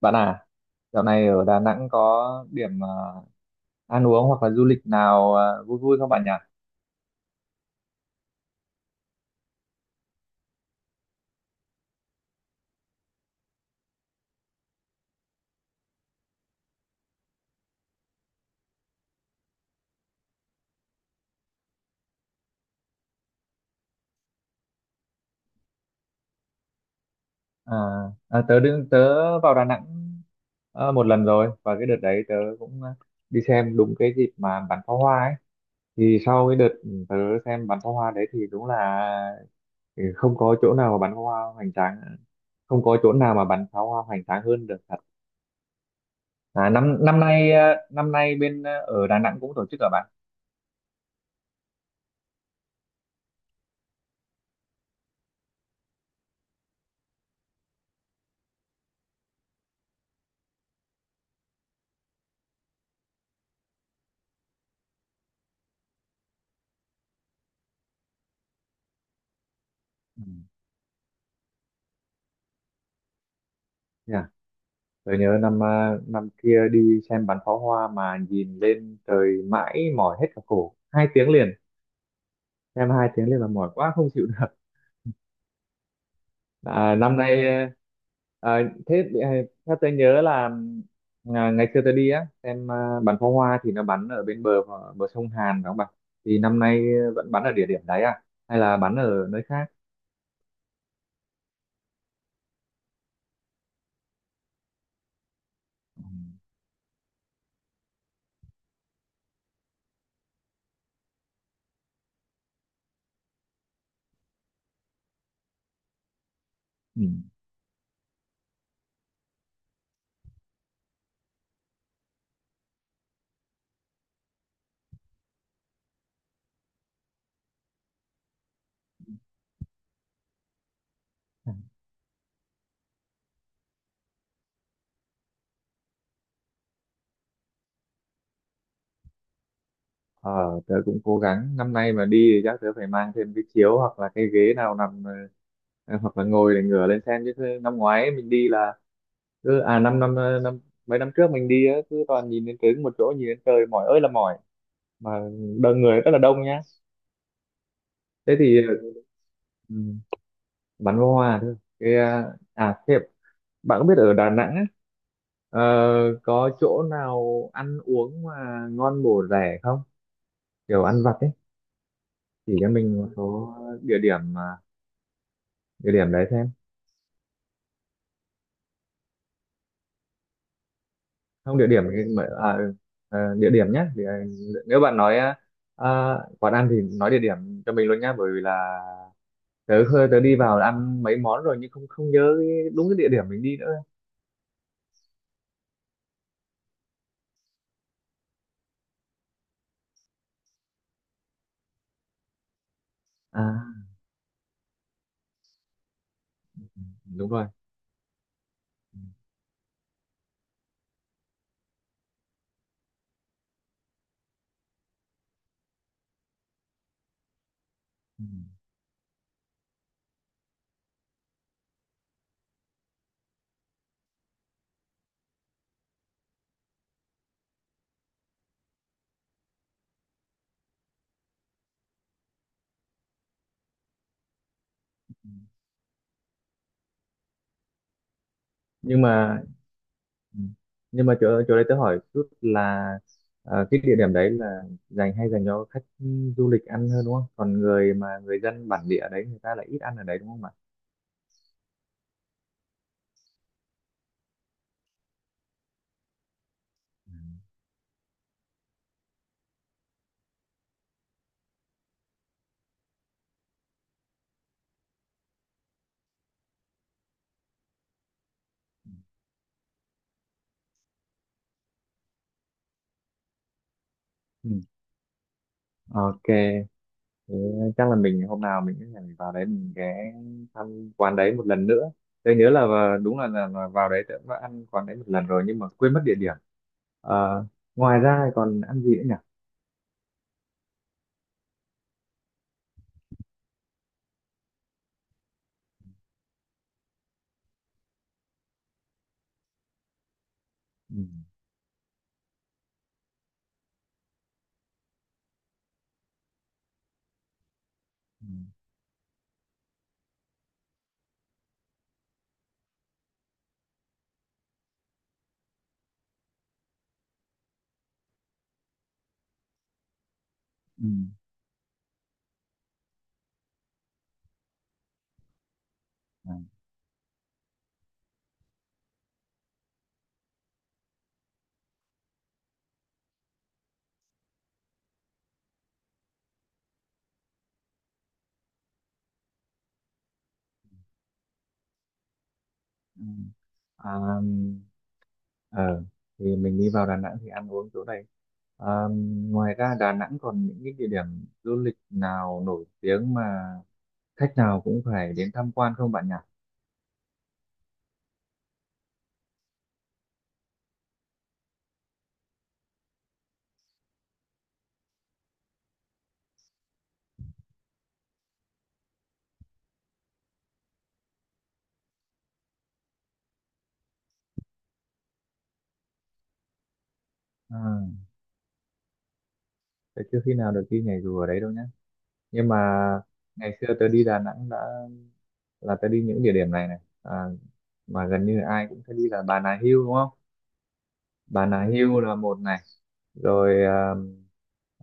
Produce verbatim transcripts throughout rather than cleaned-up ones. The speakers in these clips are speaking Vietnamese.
Bạn à, dạo này ở Đà Nẵng có điểm à, ăn uống hoặc là du lịch nào à, vui vui không bạn nhỉ? À, à, tớ đứng tớ vào Đà Nẵng à, một lần rồi, và cái đợt đấy tớ cũng à, đi xem đúng cái dịp mà bắn pháo hoa ấy. Thì sau cái đợt ừ, tớ xem bắn pháo hoa đấy thì đúng là thì không có chỗ nào mà bắn pháo hoa hoành tráng, không có chỗ nào mà bắn pháo hoa hoành tráng hơn được thật. À, năm năm nay à, năm nay bên à, ở Đà Nẵng cũng tổ chức ở bạn. Ừ. Yeah. Tôi nhớ năm à, năm kia đi xem bắn pháo hoa mà nhìn lên trời mãi mỏi hết cả cổ hai tiếng liền, xem hai tiếng liền mà mỏi quá không chịu được. À, năm nay à, à, thế à, Theo tôi nhớ là à, ngày xưa tôi đi á xem à, bắn pháo hoa thì nó bắn ở bên bờ bờ sông Hàn, đúng không bạn? Thì năm nay vẫn bắn ở địa điểm đấy à, hay là bắn ở nơi khác? Ừ. Ừ. Ờ, tớ cũng cố gắng năm nay mà đi thì chắc tớ phải mang thêm cái chiếu hoặc là cái ghế nào nằm ờ, ờ, hoặc là ngồi để ngửa lên xem, chứ năm ngoái mình đi là cứ à năm năm ờ, năm mấy năm trước mình đi á, cứ toàn nhìn đến trứng một chỗ, nhìn đến trời mỏi ơi là mỏi, mà đông người rất là đông nhá. Thế thì, ừ, bắn pháo hoa thôi cái à à, thế bạn có biết ở Đà Nẵng á, ờ, có chỗ nào ăn uống mà ngon bổ rẻ không, kiểu ăn vặt ấy? Chỉ cho mình một số địa điểm địa điểm đấy xem. Không địa điểm thì mà- à, ừ, ờ, Địa điểm nhé, thì, ờ, nếu bạn nói ờ, à, quán ăn thì nói địa điểm cho mình luôn nhá, bởi vì là tớ hơi tớ đi vào ăn mấy món rồi nhưng không không nhớ cái- đúng cái địa điểm mình đi nữa. À đúng rồi. Ừ, ừ. Nhưng mà ừ. Nhưng mà chỗ chỗ đấy tớ hỏi chút là, ờ, cái địa điểm đấy là dành, hay dành cho khách du lịch ăn hơn đúng không, còn người mà người dân bản địa đấy người ta lại ít ăn ở đấy đúng không ạ? Ừ. Ok. Thế chắc là mình hôm nào mình sẽ vào đấy mình ghé thăm quán đấy một lần nữa. Tôi nhớ là vào- đúng là, là, là vào đấy tôi cũng đã ăn quán đấy một lần rồi, nhưng mà quên mất địa điểm. Ờ, ngoài ra thì còn ăn gì nữa nhỉ? Ừ, ừ, ừ, ừ, ừ. À, ờ, thì mình đi vào Đà Nẵng thì ăn uống chỗ này. À, ngoài ra Đà Nẵng còn những cái địa điểm du lịch nào nổi tiếng mà khách nào cũng phải đến tham quan không bạn nhỉ? À, thế chưa khi nào được đi nhảy dù ở đấy đâu nhé. Nhưng mà ngày xưa tớ đi Đà Nẵng đã, là tớ đi những địa điểm này này, à, mà gần như ai cũng phải đi là Bà Nà Hills đúng không? Bà Nà Hills là một này, rồi à,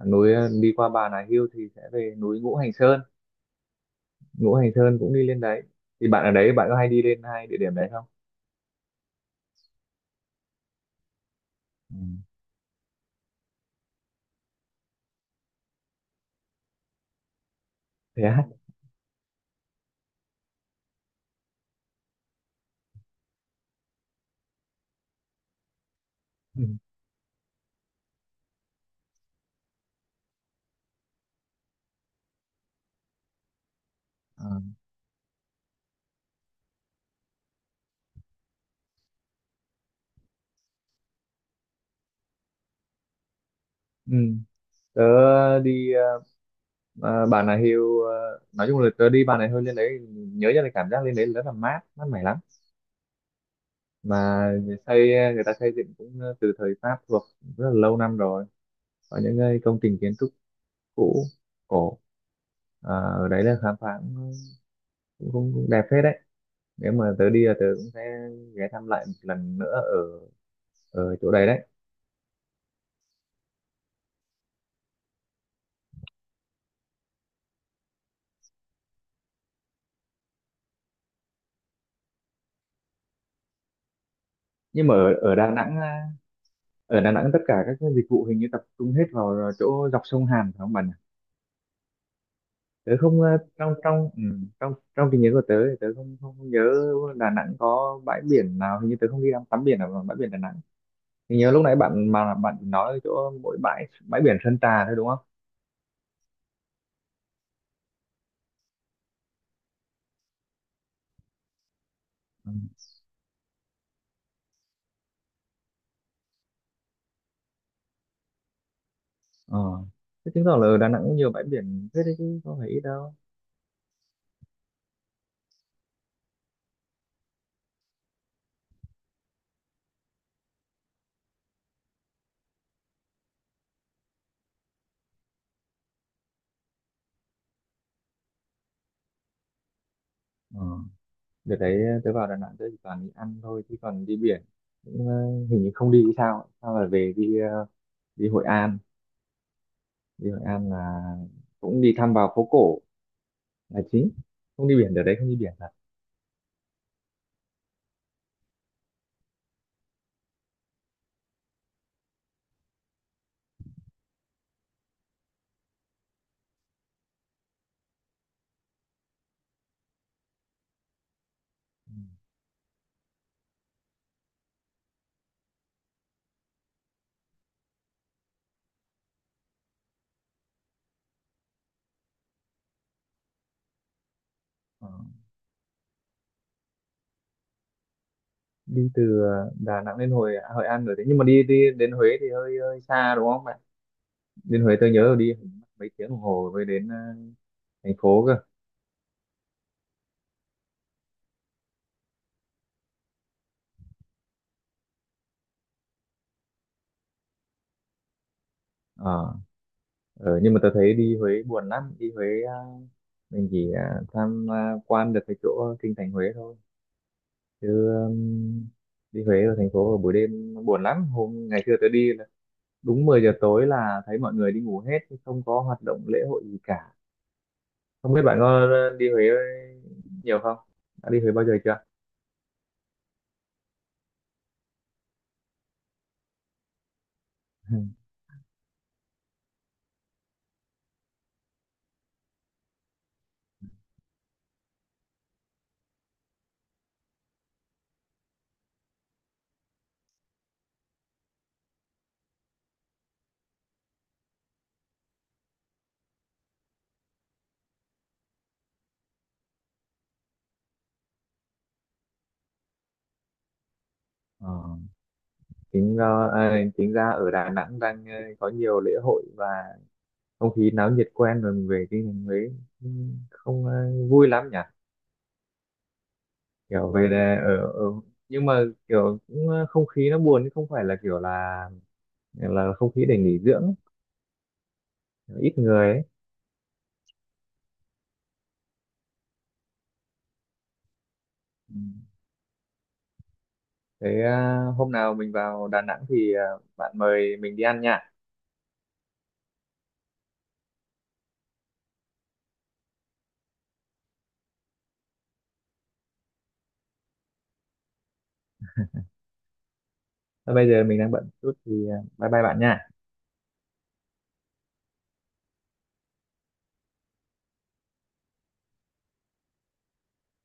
núi à, đi qua Bà Nà Hills thì sẽ về núi Ngũ Hành Sơn. Ngũ Hành Sơn cũng đi lên đấy, thì bạn ở đấy bạn có hay đi lên hai địa điểm đấy không? Ừ. Thế á. Ừ. À, ừ. Tớ đi à, Bà Nà Hills, à, nói chung là tớ đi Bà Nà Hills lên đấy nhớ ra là cảm giác lên đấy rất là mát mát mẻ lắm, mà xây người ta xây dựng cũng ờ, từ thời Pháp thuộc, rất là lâu năm rồi, có những cái công trình kiến trúc cũ cổ, à, ở đấy là khám phá cũng, cũng, cũng cũng đẹp phết đấy. Nếu mà tớ đi là tớ cũng sẽ ghé thăm lại một lần nữa ở ở chỗ đấy đấy. Nhưng mà ở ở Đà Nẵng à, ở Đà Nẵng tất cả các cái dịch vụ hình như tập trung hết vào ờ, chỗ dọc sông Hàn phải không bạn? Tớ không à, trong trong ừ, trong trong trí nhớ của tớ thì tớ không không nhớ Đà Nẵng có bãi biển nào, hình như tớ không đi tắm biển ở bãi biển Đà Nẵng. Mình nhớ lúc nãy bạn mà bạn nói chỗ mỗi bãi bãi biển Sơn Trà thôi đúng không? Ừ. Ờ. Thế chứng tỏ là ở Đà Nẵng cũng nhiều bãi biển thế đấy chứ không phải ít đâu. Ờ. Đợt đấy ờ, tớ vào Đà Nẵng tớ chỉ toàn đi ăn thôi, chứ còn đi biển cũng, ờ, hình như không đi, thì sao sao là về đi ờ, đi Hội An. Đi Hội An là cũng đi thăm vào phố cổ là chính, không đi biển, đợt đấy không đi biển thật. Ừ. Ờ. Đi từ ờ, Đà Nẵng đến Hội Hội An rồi đấy, nhưng mà đi đi đến Huế thì hơi hơi xa đúng không? Đến Huế tôi nhớ là đi mấy tiếng đồng hồ mới đến ờ, thành phố cơ. Ờ. Ờ, nhưng mà tôi thấy đi Huế buồn lắm, đi Huế ờ, mình chỉ ờ, tham ờ, quan được cái chỗ kinh thành Huế thôi, chứ ừm, đi Huế ở thành phố vào buổi đêm nó buồn lắm, hôm ngày xưa tôi đi là đúng mười giờ tối là thấy mọi người đi ngủ hết chứ không có hoạt động lễ hội gì cả. Không biết bạn có ờ, đi Huế nhiều không, đã đi Huế bao giờ chưa? Ờ, chính ra à, chính ra ở Đà Nẵng đang ờ, có nhiều lễ hội và không khí náo nhiệt quen rồi, mình về cái thành Huế cũng không ờ, vui lắm nhỉ. Kiểu về là ở, ở nhưng mà kiểu cũng ờ, không khí nó buồn chứ không phải là kiểu là là không khí để nghỉ dưỡng ấy, ít người ấy. Ừ. Thế ờ, hôm nào mình vào Đà Nẵng thì ờ, bạn mời mình đi ăn nha. Thôi bây giờ mình đang bận chút thì ờ, bye bye bạn nha.